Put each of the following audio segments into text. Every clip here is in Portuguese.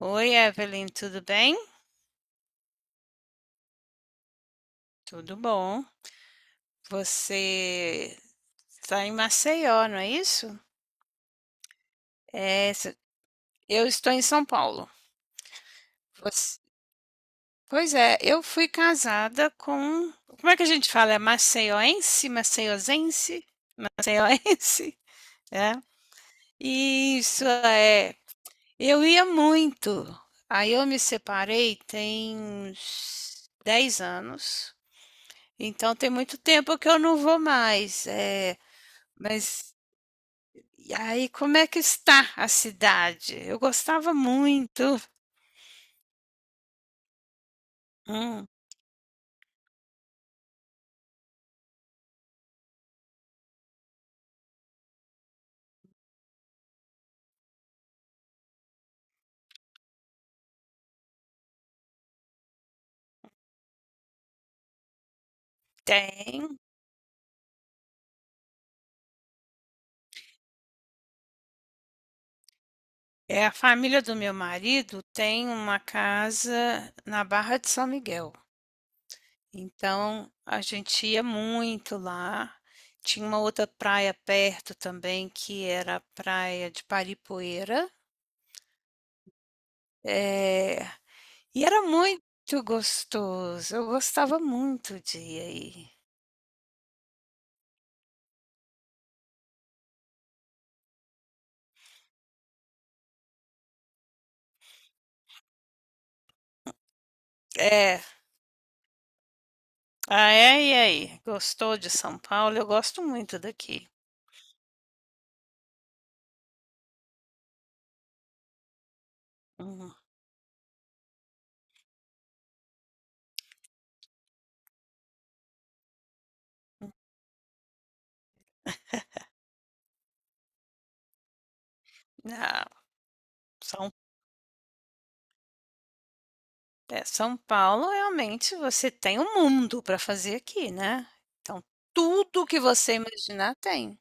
Oi, Evelyn, tudo bem? Tudo bom. Você está em Maceió, não é isso? É, se- eu estou em São Paulo. Você- Pois é, eu fui casada com. Como é que a gente fala? É maceioense? Maceiosense? Maceioense? É. Isso é. Eu ia muito. Aí eu me separei tem uns 10 anos. Então tem muito tempo que eu não vou mais. Mas E aí, como é que está a cidade? Eu gostava muito. Hum. Tem. É, a família do meu marido tem uma casa na Barra de São Miguel. Então, a gente ia muito lá. Tinha uma outra praia perto também, que era a praia de Paripoeira. É, e era muito gostoso. Eu gostava muito de ir aí. É. Ah, é? E aí? Gostou de São Paulo? Eu gosto muito daqui. Hum. Ah, São, São Paulo, realmente, você tem um mundo para fazer aqui, né? Então, tudo que você imaginar tem.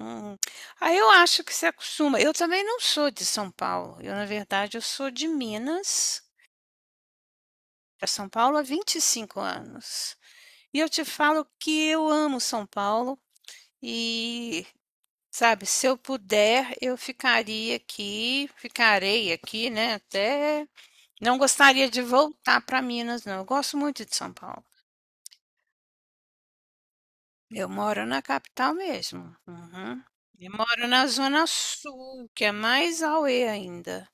Hum. Aí eu acho que se acostuma. Eu também não sou de São Paulo. Eu, na verdade, eu sou de Minas, para São Paulo há 25 anos. E eu te falo que eu amo São Paulo e sabe, se eu puder, eu ficaria aqui, ficarei aqui, né, até não gostaria de voltar para Minas não, eu gosto muito de São Paulo. Eu moro na capital mesmo. Uhum. Eu moro na zona sul, que é mais auê ainda.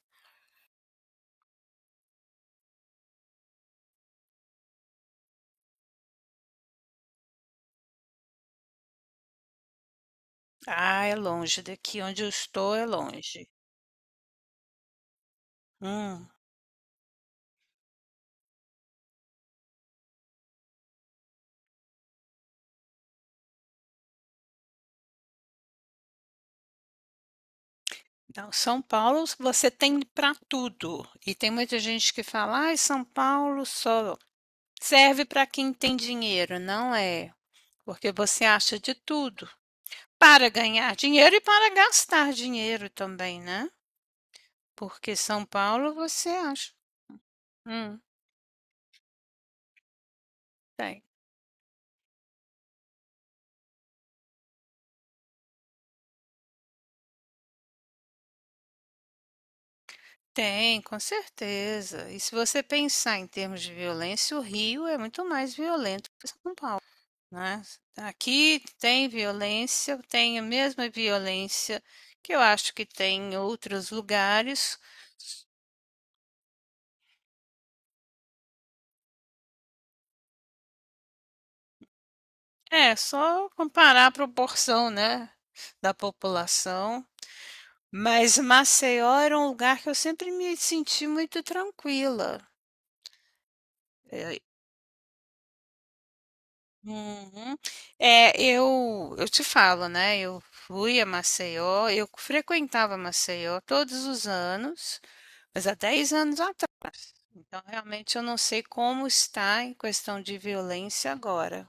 Ah, é longe daqui onde eu estou, é longe. Hum. Não, São Paulo você tem para tudo, e tem muita gente que fala: "Ai, São Paulo só serve para quem tem dinheiro", não é. Porque você acha de tudo, para ganhar dinheiro e para gastar dinheiro também, né? Porque São Paulo você acha. Hum. Tem. Tem, com certeza. E se você pensar em termos de violência, o Rio é muito mais violento, né? Aqui tem violência, tem a mesma violência que eu acho que tem em outros lugares. É só comparar a proporção, né, da população. Mas Maceió era um lugar que eu sempre me senti muito tranquila. Eh uhum. É, eu te falo, né, eu fui a Maceió, eu frequentava Maceió todos os anos, mas há 10 anos atrás, então realmente eu não sei como está em questão de violência agora.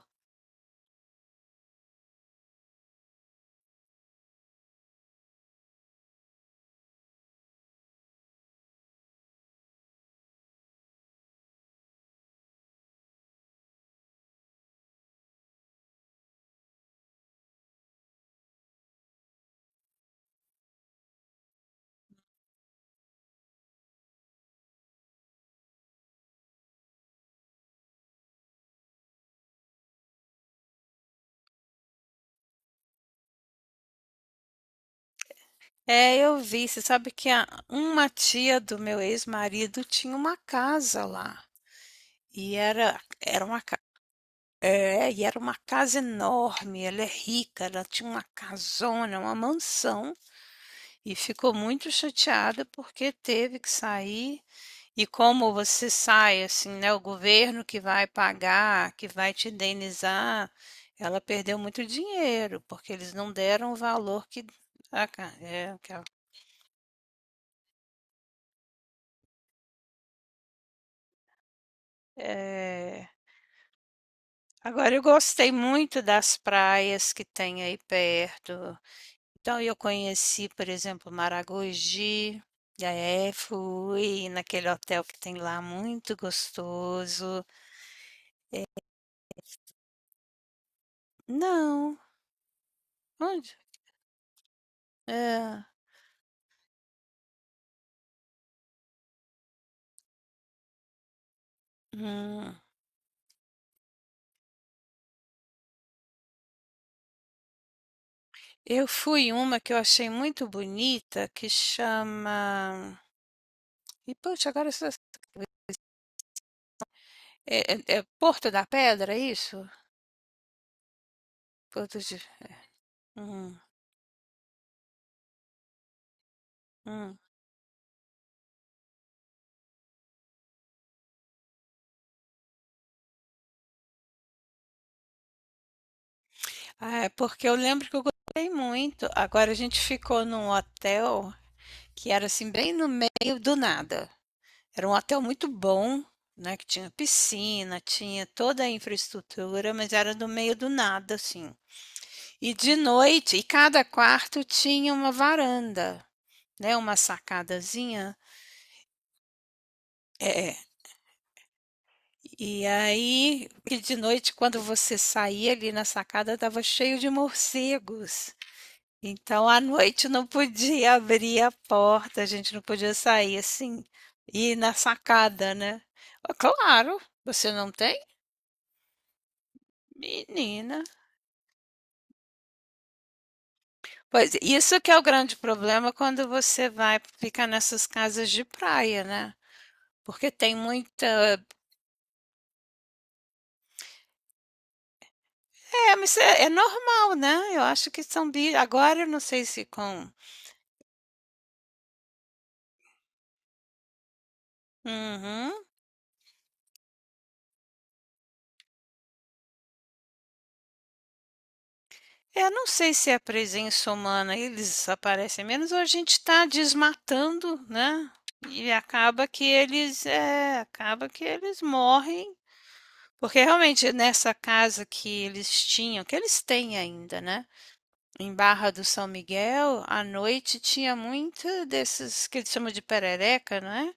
É, eu vi, você sabe que a uma tia do meu ex-marido tinha uma casa lá, e era uma É, e era uma casa enorme, ela é rica, ela tinha uma casona, uma mansão, e ficou muito chateada porque teve que sair. E como você sai, assim, né? O governo que vai pagar, que vai te indenizar, ela perdeu muito dinheiro, porque eles não deram o valor que. Ah, ca- é, que ela- é. Agora, eu gostei muito das praias que tem aí perto. Então, eu conheci, por exemplo, Maragogi, e aí fui naquele hotel que tem lá, muito gostoso. Não, onde? É. hum, Eu fui em uma que eu achei muito bonita, que chama... E, poxa, agora... essa- É, é Porto da Pedra, é isso? Porto de... Hum, hum. Ah, é porque eu lembro que eu gostei muito. Agora, a gente ficou num hotel que era assim, bem no meio do nada. Era um hotel muito bom, né, que tinha piscina, tinha toda a infraestrutura, mas era no meio do nada, assim. E de noite, e cada quarto tinha uma varanda, né, uma sacadazinha. É. É. E aí, e de noite, quando você saía ali na sacada, estava cheio de morcegos. Então, à noite não podia abrir a porta, a gente não podia sair assim, ir na sacada, né? Claro, você não tem? Menina. Pois, isso que é o grande problema quando você vai ficar nessas casas de praia, né. Porque tem muita mas é normal, né, eu acho que são bi agora eu não sei se com uhum. Eu não sei se é a presença humana, eles aparecem menos ou a gente está desmatando, né, e acaba que eles acaba que eles morrem, porque realmente nessa casa que eles tinham que eles têm ainda, né. Em Barra do São Miguel, à noite tinha muito desses que eles chamam de perereca, né?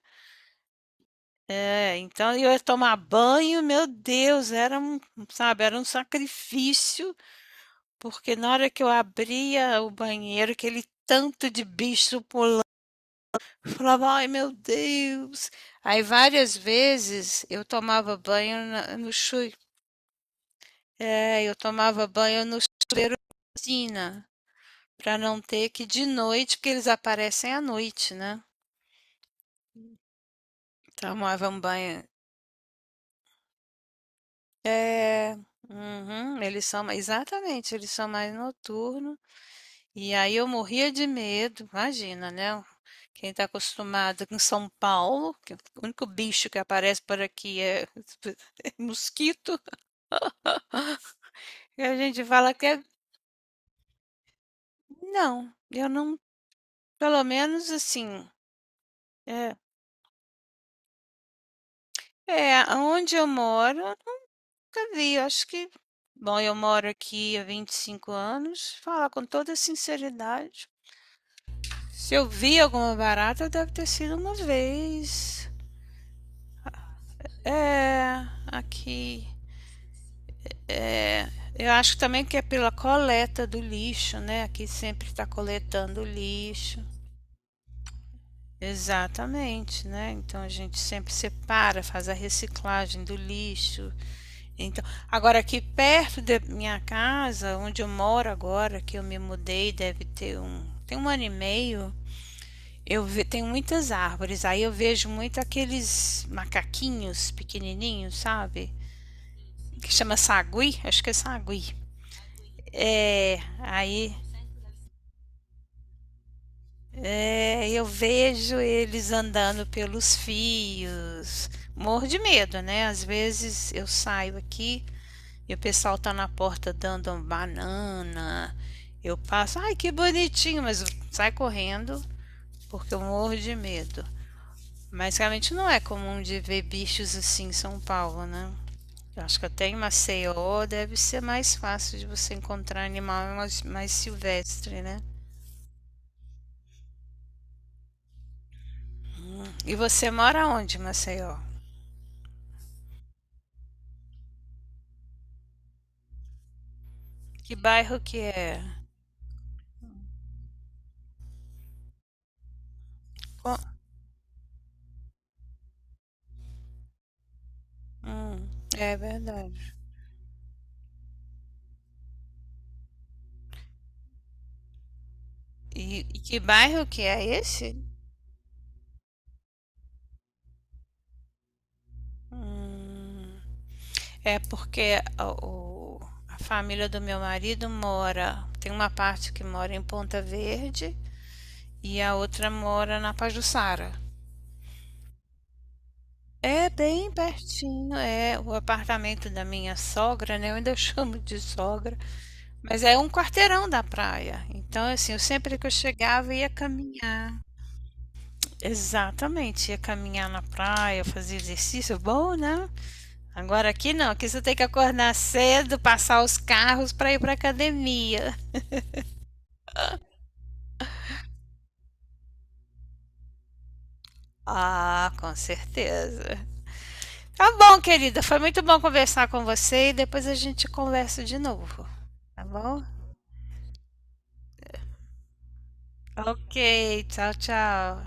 É, é, então eu ia tomar banho, meu Deus, era um, sabe, era um sacrifício, porque na hora que eu abria o banheiro, aquele tanto de bicho pulando, eu falava, ai meu Deus. Aí várias vezes eu tomava banho no chui, é, eu tomava banho no piscina, para não ter que de noite, porque eles aparecem à noite, né? Tomavam banho. É, uhum, eles são, exatamente, eles são mais noturnos. E aí eu morria de medo, imagina, né? Quem está acostumado com São Paulo, que o único bicho que aparece por aqui é mosquito, e a gente fala que é. Não, eu não, pelo menos assim, é, onde eu moro, eu nunca vi, eu acho que. Bom, eu moro aqui há 25 anos, falar com toda sinceridade. Se eu vi alguma barata, deve ter sido uma vez. É, aqui. É, eu acho também que é pela coleta do lixo, né? Aqui sempre está coletando lixo. Exatamente, né? Então a gente sempre separa, faz a reciclagem do lixo. Então, agora aqui perto da minha casa, onde eu moro agora, que eu me mudei, deve ter um, tem 1 ano e meio, tenho muitas árvores, aí eu vejo muito aqueles macaquinhos pequenininhos, sabe? Que chama sagui, acho que é sagui. É, aí é, eu vejo eles andando pelos fios. Morro de medo, né? Às vezes eu saio aqui e o pessoal tá na porta dando uma banana. Eu passo, ai que bonitinho, mas sai correndo porque eu morro de medo. Mas realmente não é comum de ver bichos assim em São Paulo, né? Eu acho que até em Maceió deve ser mais fácil de você encontrar animal mais, mais silvestre, né? E você mora onde, em Maceió? Que bairro que é? Co- Hum, é verdade. E que bairro que é esse? Hum, é porque a família do meu marido mora, tem uma parte que mora em Ponta Verde e a outra mora na Pajuçara. É bem pertinho, é o apartamento da minha sogra, né, eu ainda chamo de sogra, mas é um quarteirão da praia. Então, assim, eu sempre que eu chegava ia caminhar. Exatamente, ia caminhar na praia, fazer exercício, bom, né? Agora aqui não, aqui você tem que acordar cedo, passar os carros para ir para academia. Ah, com certeza. Tá bom, querida, foi muito bom conversar com você e depois a gente conversa de novo, tá bom? Ok, tchau, tchau.